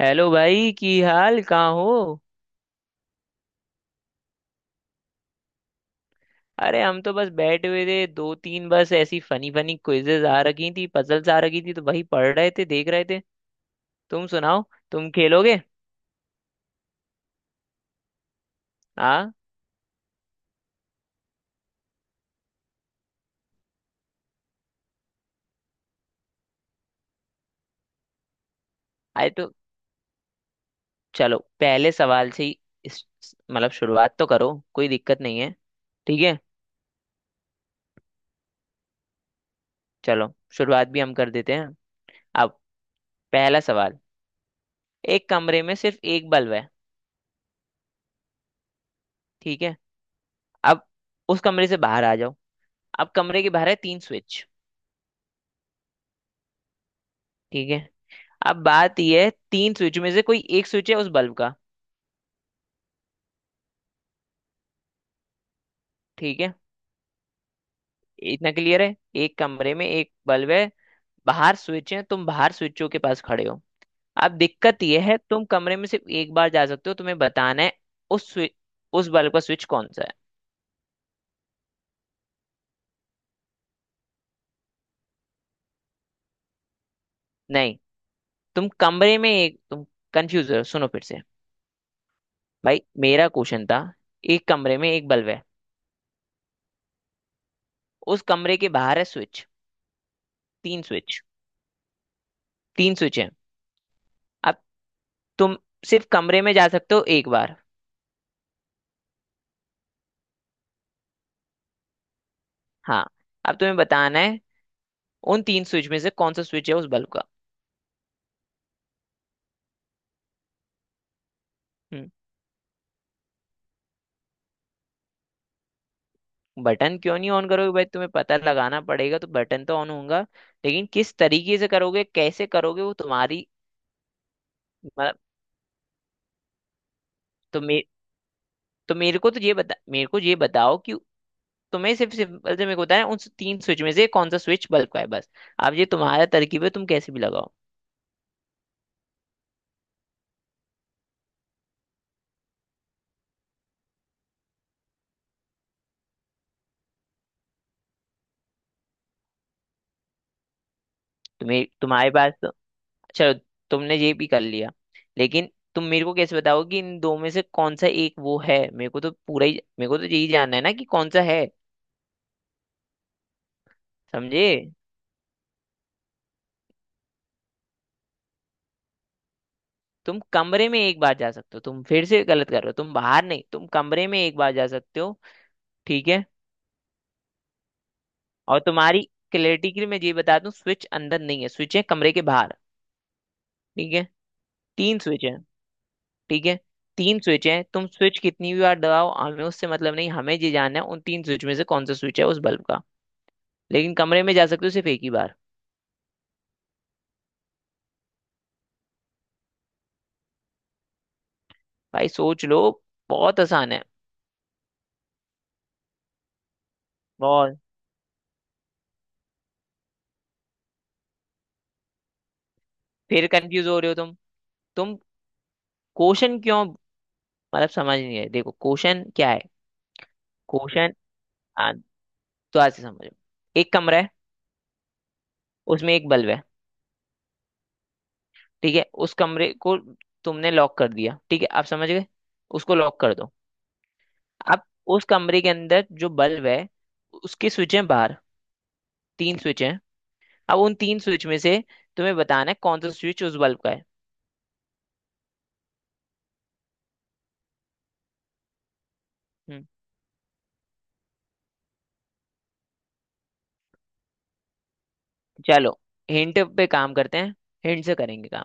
Hello भाई की हाल कहाँ हो। अरे हम तो बस बैठे हुए थे। दो तीन बस ऐसी फनी फनी क्विजेज आ रखी थी, पजल्स आ रखी थी, तो वही पढ़ रहे थे, देख रहे थे। तुम सुनाओ। तुम खेलोगे। हाँ। आए तो चलो, पहले सवाल से ही। इस मतलब शुरुआत तो करो, कोई दिक्कत नहीं है। ठीक है। चलो, शुरुआत भी हम कर देते हैं। अब पहला सवाल। एक कमरे में सिर्फ एक बल्ब है। ठीक है। अब उस कमरे से बाहर आ जाओ। अब कमरे के बाहर है तीन स्विच। ठीक है। अब बात यह है, तीन स्विच में से कोई एक स्विच है उस बल्ब का। ठीक है। इतना क्लियर है। एक कमरे में एक बल्ब है। बाहर स्विच है, तुम बाहर स्विचों के पास खड़े हो। अब दिक्कत यह है, तुम कमरे में सिर्फ एक बार जा सकते हो, तुम्हें बताना है उस स्विच उस बल्ब का स्विच कौन सा है। नहीं, तुम कमरे में एक तुम कंफ्यूज हो, सुनो फिर से। भाई, मेरा क्वेश्चन था। एक कमरे में एक बल्ब है। उस कमरे के बाहर है स्विच। तीन स्विच। तीन स्विच है। अब तुम सिर्फ कमरे में जा सकते हो एक बार। हाँ। अब तुम्हें बताना है, उन तीन स्विच में से कौन सा स्विच है उस बल्ब का। हम्म बटन क्यों नहीं ऑन करोगे भाई, तुम्हें पता लगाना पड़ेगा तो बटन तो ऑन होगा। लेकिन किस तरीके से करोगे, कैसे करोगे, वो तुम्हारी मतलब। तो मे तो मेरे को तो ये बता मेरे को ये बताओ कि तुम्हें सिर्फ सिंपल से मेरे को बताया, उन तीन स्विच में से कौन सा स्विच बल्ब का है, बस। अब ये तुम्हारा तरकीब है, तुम कैसे भी लगाओ। तुम्हें तुम्हारे पास तो चलो, तुमने ये भी कर लिया। लेकिन तुम मेरे को कैसे बताओगे कि इन दो में से कौन सा एक वो है। मेरे को तो यही जानना है ना कि कौन सा है। समझे। तुम कमरे में एक बार जा सकते हो, तुम फिर से गलत कर रहे हो। तुम बाहर नहीं, तुम कमरे में एक बार जा सकते हो। ठीक है। और तुम्हारी क्लैरिटी के लिए मैं ये बता दूं, स्विच अंदर नहीं है, स्विच है कमरे के बाहर। ठीक है। तीन स्विच है। ठीक है। तीन स्विच है, तुम स्विच कितनी भी बार दबाओ, हमें उससे मतलब नहीं। हमें ये जानना है, उन तीन स्विच में से कौन सा स्विच है उस बल्ब का। लेकिन कमरे में जा सकते हो सिर्फ एक ही बार। भाई सोच लो, बहुत आसान है। बहुत। फिर कंफ्यूज हो रहे हो तुम। तुम क्वेश्चन क्यों मतलब समझ नहीं रहे, देखो क्वेश्चन क्या है। क्वेश्चन। आ, तो आज से समझो, एक कमरा है। उसमें एक बल्ब है। ठीक है। उस कमरे को तुमने लॉक कर दिया, ठीक है, आप समझ गए। उसको लॉक कर दो। अब उस कमरे के अंदर जो बल्ब है, उसके स्विच हैं बाहर। तीन स्विच हैं। अब उन तीन स्विच में से तुम्हें बताना है कौन सा स्विच उस बल्ब का है। हम्म, चलो, हिंट पे काम करते हैं। हिंट से करेंगे काम।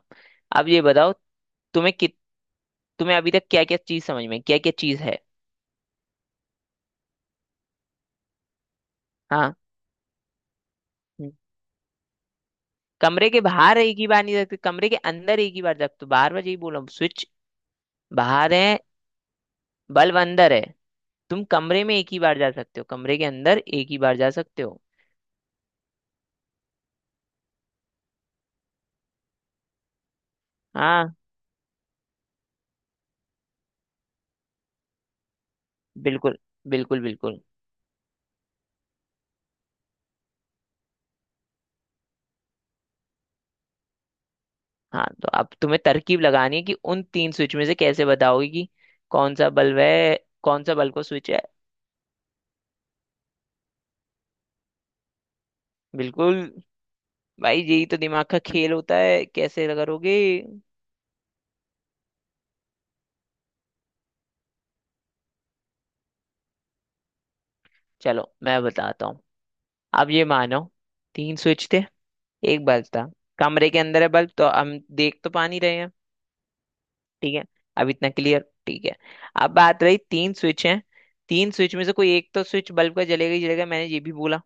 अब ये बताओ, तुम्हें कित तुम्हें अभी तक क्या क्या चीज समझ में, क्या क्या चीज है। हाँ। कमरे के बाहर एक ही बार नहीं सकते, कमरे के अंदर एक ही बार। जग तो बार बार यही बोल रहा हूँ। स्विच बाहर है, बल्ब अंदर है। तुम कमरे में एक ही बार जा सकते हो, कमरे के अंदर एक ही बार जा सकते हो। हाँ, बिल्कुल। बिल्कुल बिल्कुल हाँ, तो अब तुम्हें तरकीब लगानी है कि उन तीन स्विच में से कैसे बताओगे कि कौन सा बल्ब है, कौन सा बल्ब का स्विच है। बिल्कुल। भाई, यही तो दिमाग का खेल होता है, कैसे करोगे। चलो, मैं बताता हूँ। अब ये मानो, तीन स्विच थे, एक बल्ब था। कमरे के अंदर है बल्ब, तो हम देख तो पा नहीं रहे हैं। ठीक है। अब इतना क्लियर। ठीक है। अब बात रही, तीन स्विच हैं। तीन स्विच में से कोई एक तो स्विच बल्ब का जलेगा ही जलेगा, मैंने ये भी बोला।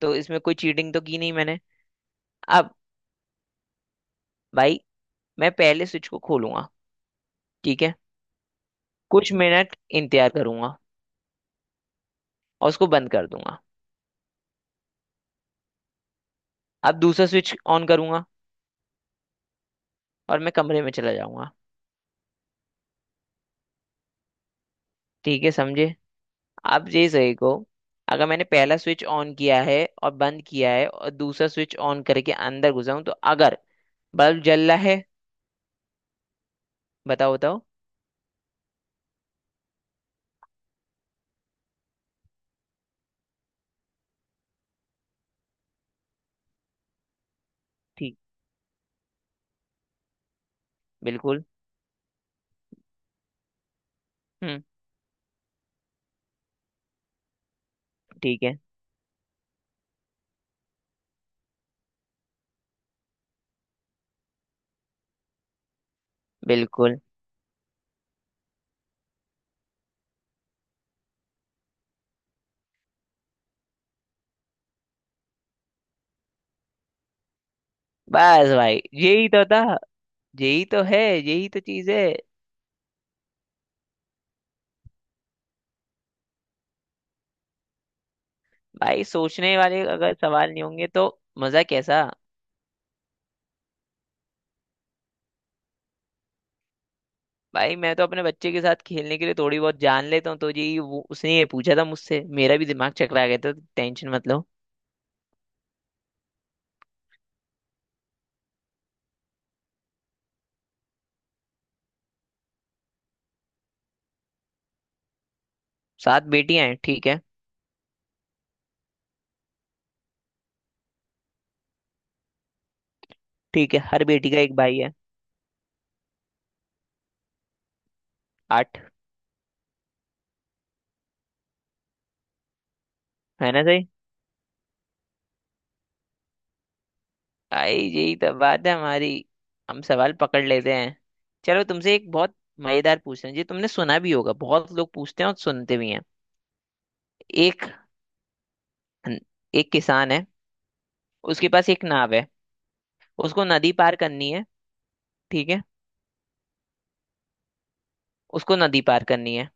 तो इसमें कोई चीटिंग तो की नहीं मैंने। अब भाई, मैं पहले स्विच को खोलूंगा। ठीक है। कुछ मिनट इंतजार करूंगा और उसको बंद कर दूंगा। अब दूसरा स्विच ऑन करूंगा और मैं कमरे में चला जाऊंगा। ठीक है, समझे। आप ये सही को। अगर मैंने पहला स्विच ऑन किया है और बंद किया है और दूसरा स्विच ऑन करके अंदर घुसा हूं, तो अगर बल्ब जल रहा है। बताओ बताओ। ठीक। बिल्कुल। हम्म ठीक है। बिल्कुल। बस भाई, यही तो था, यही तो है, यही तो चीज है। भाई, सोचने वाले अगर सवाल नहीं होंगे तो मजा कैसा। भाई मैं तो अपने बच्चे के साथ खेलने के लिए थोड़ी बहुत जान लेता हूँ, तो यही वो उसने ये पूछा था मुझसे, मेरा भी दिमाग चकरा गया था, टेंशन मत लो। सात बेटियां हैं, ठीक है। ठीक है, हर बेटी का एक भाई है। आठ। है ना सही। भाई यही तो बात है हमारी, हम सवाल पकड़ लेते हैं। चलो, तुमसे एक बहुत मजेदार पूछते हैं, जो तुमने सुना भी होगा, बहुत लोग पूछते हैं और सुनते भी हैं। एक एक किसान है, उसके पास एक नाव है, उसको नदी पार करनी है। ठीक है, उसको नदी पार करनी है।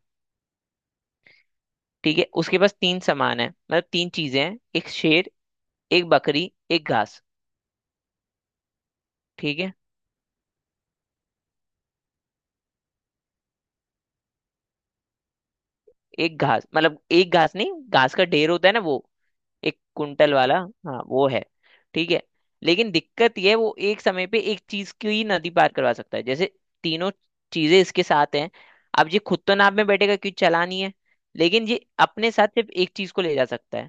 ठीक है, उसके पास तीन सामान है, मतलब तीन चीजें हैं, एक शेर, एक बकरी, एक घास। ठीक है। एक घास मतलब एक घास नहीं, घास का ढेर होता है ना वो, एक कुंटल वाला, हाँ वो है। ठीक है। लेकिन दिक्कत ये है, वो एक समय पे एक चीज की ही नदी पार करवा सकता है। जैसे तीनों चीजें इसके साथ हैं, अब ये खुद तो नाव में बैठेगा क्योंकि चलानी है, लेकिन ये अपने साथ सिर्फ एक चीज को ले जा सकता है।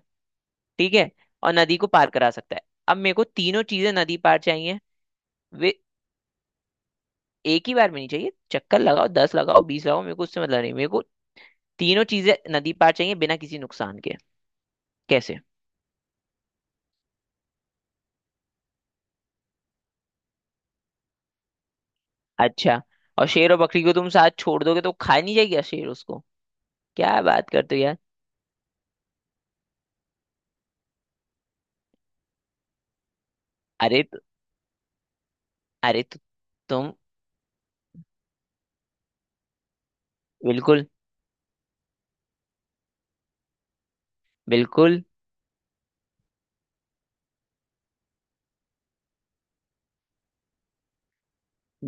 ठीक है, और नदी को पार करा सकता है। अब मेरे को तीनों चीजें नदी पार चाहिए। वे एक ही बार में नहीं चाहिए, चक्कर लगाओ, 10 लगाओ, 20 लगाओ, मेरे को उससे मतलब नहीं। मेरे को तीनों चीजें नदी पार चाहिए, बिना किसी नुकसान के। कैसे। अच्छा, और शेर और बकरी को तुम साथ छोड़ दोगे तो खा नहीं जाएगी शेर उसको, क्या बात करते हो यार। अरे तो, अरे तो, तुम बिल्कुल। बिल्कुल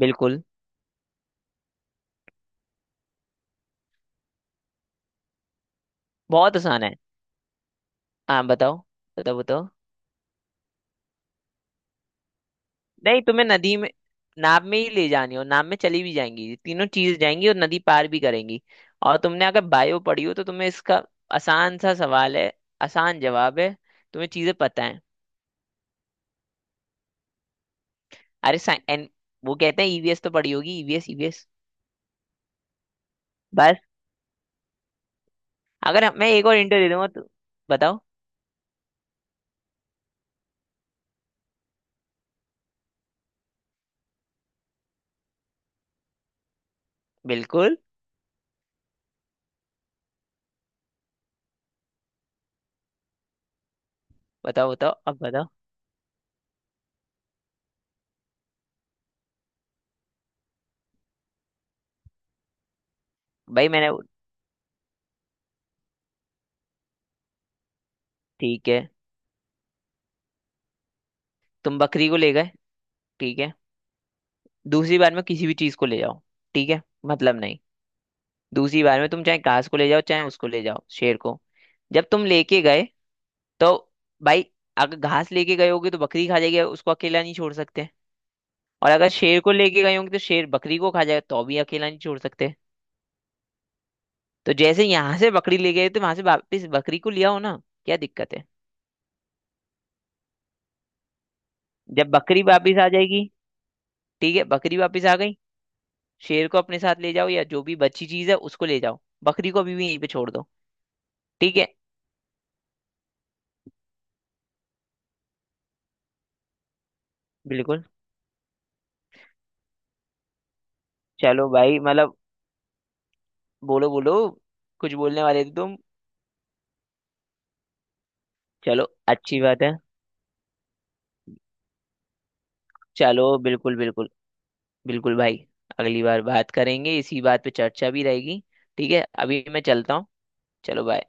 बिल्कुल बहुत आसान है। हाँ बताओ, बताओ बताओ। नहीं, तुम्हें नदी में नाव में ही ले जानी हो, नाव में चली भी जाएंगी ये तीनों चीज जाएंगी और नदी पार भी करेंगी। और तुमने अगर बायो पढ़ी हो तो तुम्हें इसका, आसान सा सवाल है, आसान जवाब है, तुम्हें चीजें पता है। अरे साइ- एन, वो कहते हैं ईवीएस, तो पढ़ी होगी ईवीएस ईवीएस। अगर हम- मैं एक और इंटरव्यू दे दूंगा तो बताओ। बिल्कुल। बताओ बताओ, अब बताओ। भाई मैंने ठीक है, तुम बकरी को ले गए। ठीक है, दूसरी बार में किसी भी चीज को ले जाओ। ठीक है, मतलब नहीं, दूसरी बार में तुम चाहे घास को ले जाओ, चाहे उसको ले जाओ शेर को। जब तुम लेके गए, तो भाई, अगर घास लेके गए होगे तो बकरी खा जाएगी उसको, अकेला नहीं छोड़ सकते। और अगर शेर को लेके गए होंगे तो शेर बकरी को खा जाएगा, तो भी अकेला नहीं छोड़ सकते। तो जैसे यहाँ से बकरी ले गए, तो वहां से वापस बकरी को लिया हो ना, क्या दिक्कत है। जब बकरी वापस आ जाएगी, ठीक है, बकरी वापस आ गई, शेर को अपने साथ ले जाओ, या जो भी बची चीज है उसको ले जाओ, बकरी को अभी भी यहीं पे छोड़ दो। ठीक है। बिल्कुल। चलो भाई, मतलब, बोलो बोलो, कुछ बोलने वाले थे तुम। चलो, अच्छी बात है। चलो बिल्कुल, बिल्कुल बिल्कुल भाई, अगली बार बात करेंगे, इसी बात पे चर्चा भी रहेगी। ठीक है, अभी मैं चलता हूँ। चलो बाय।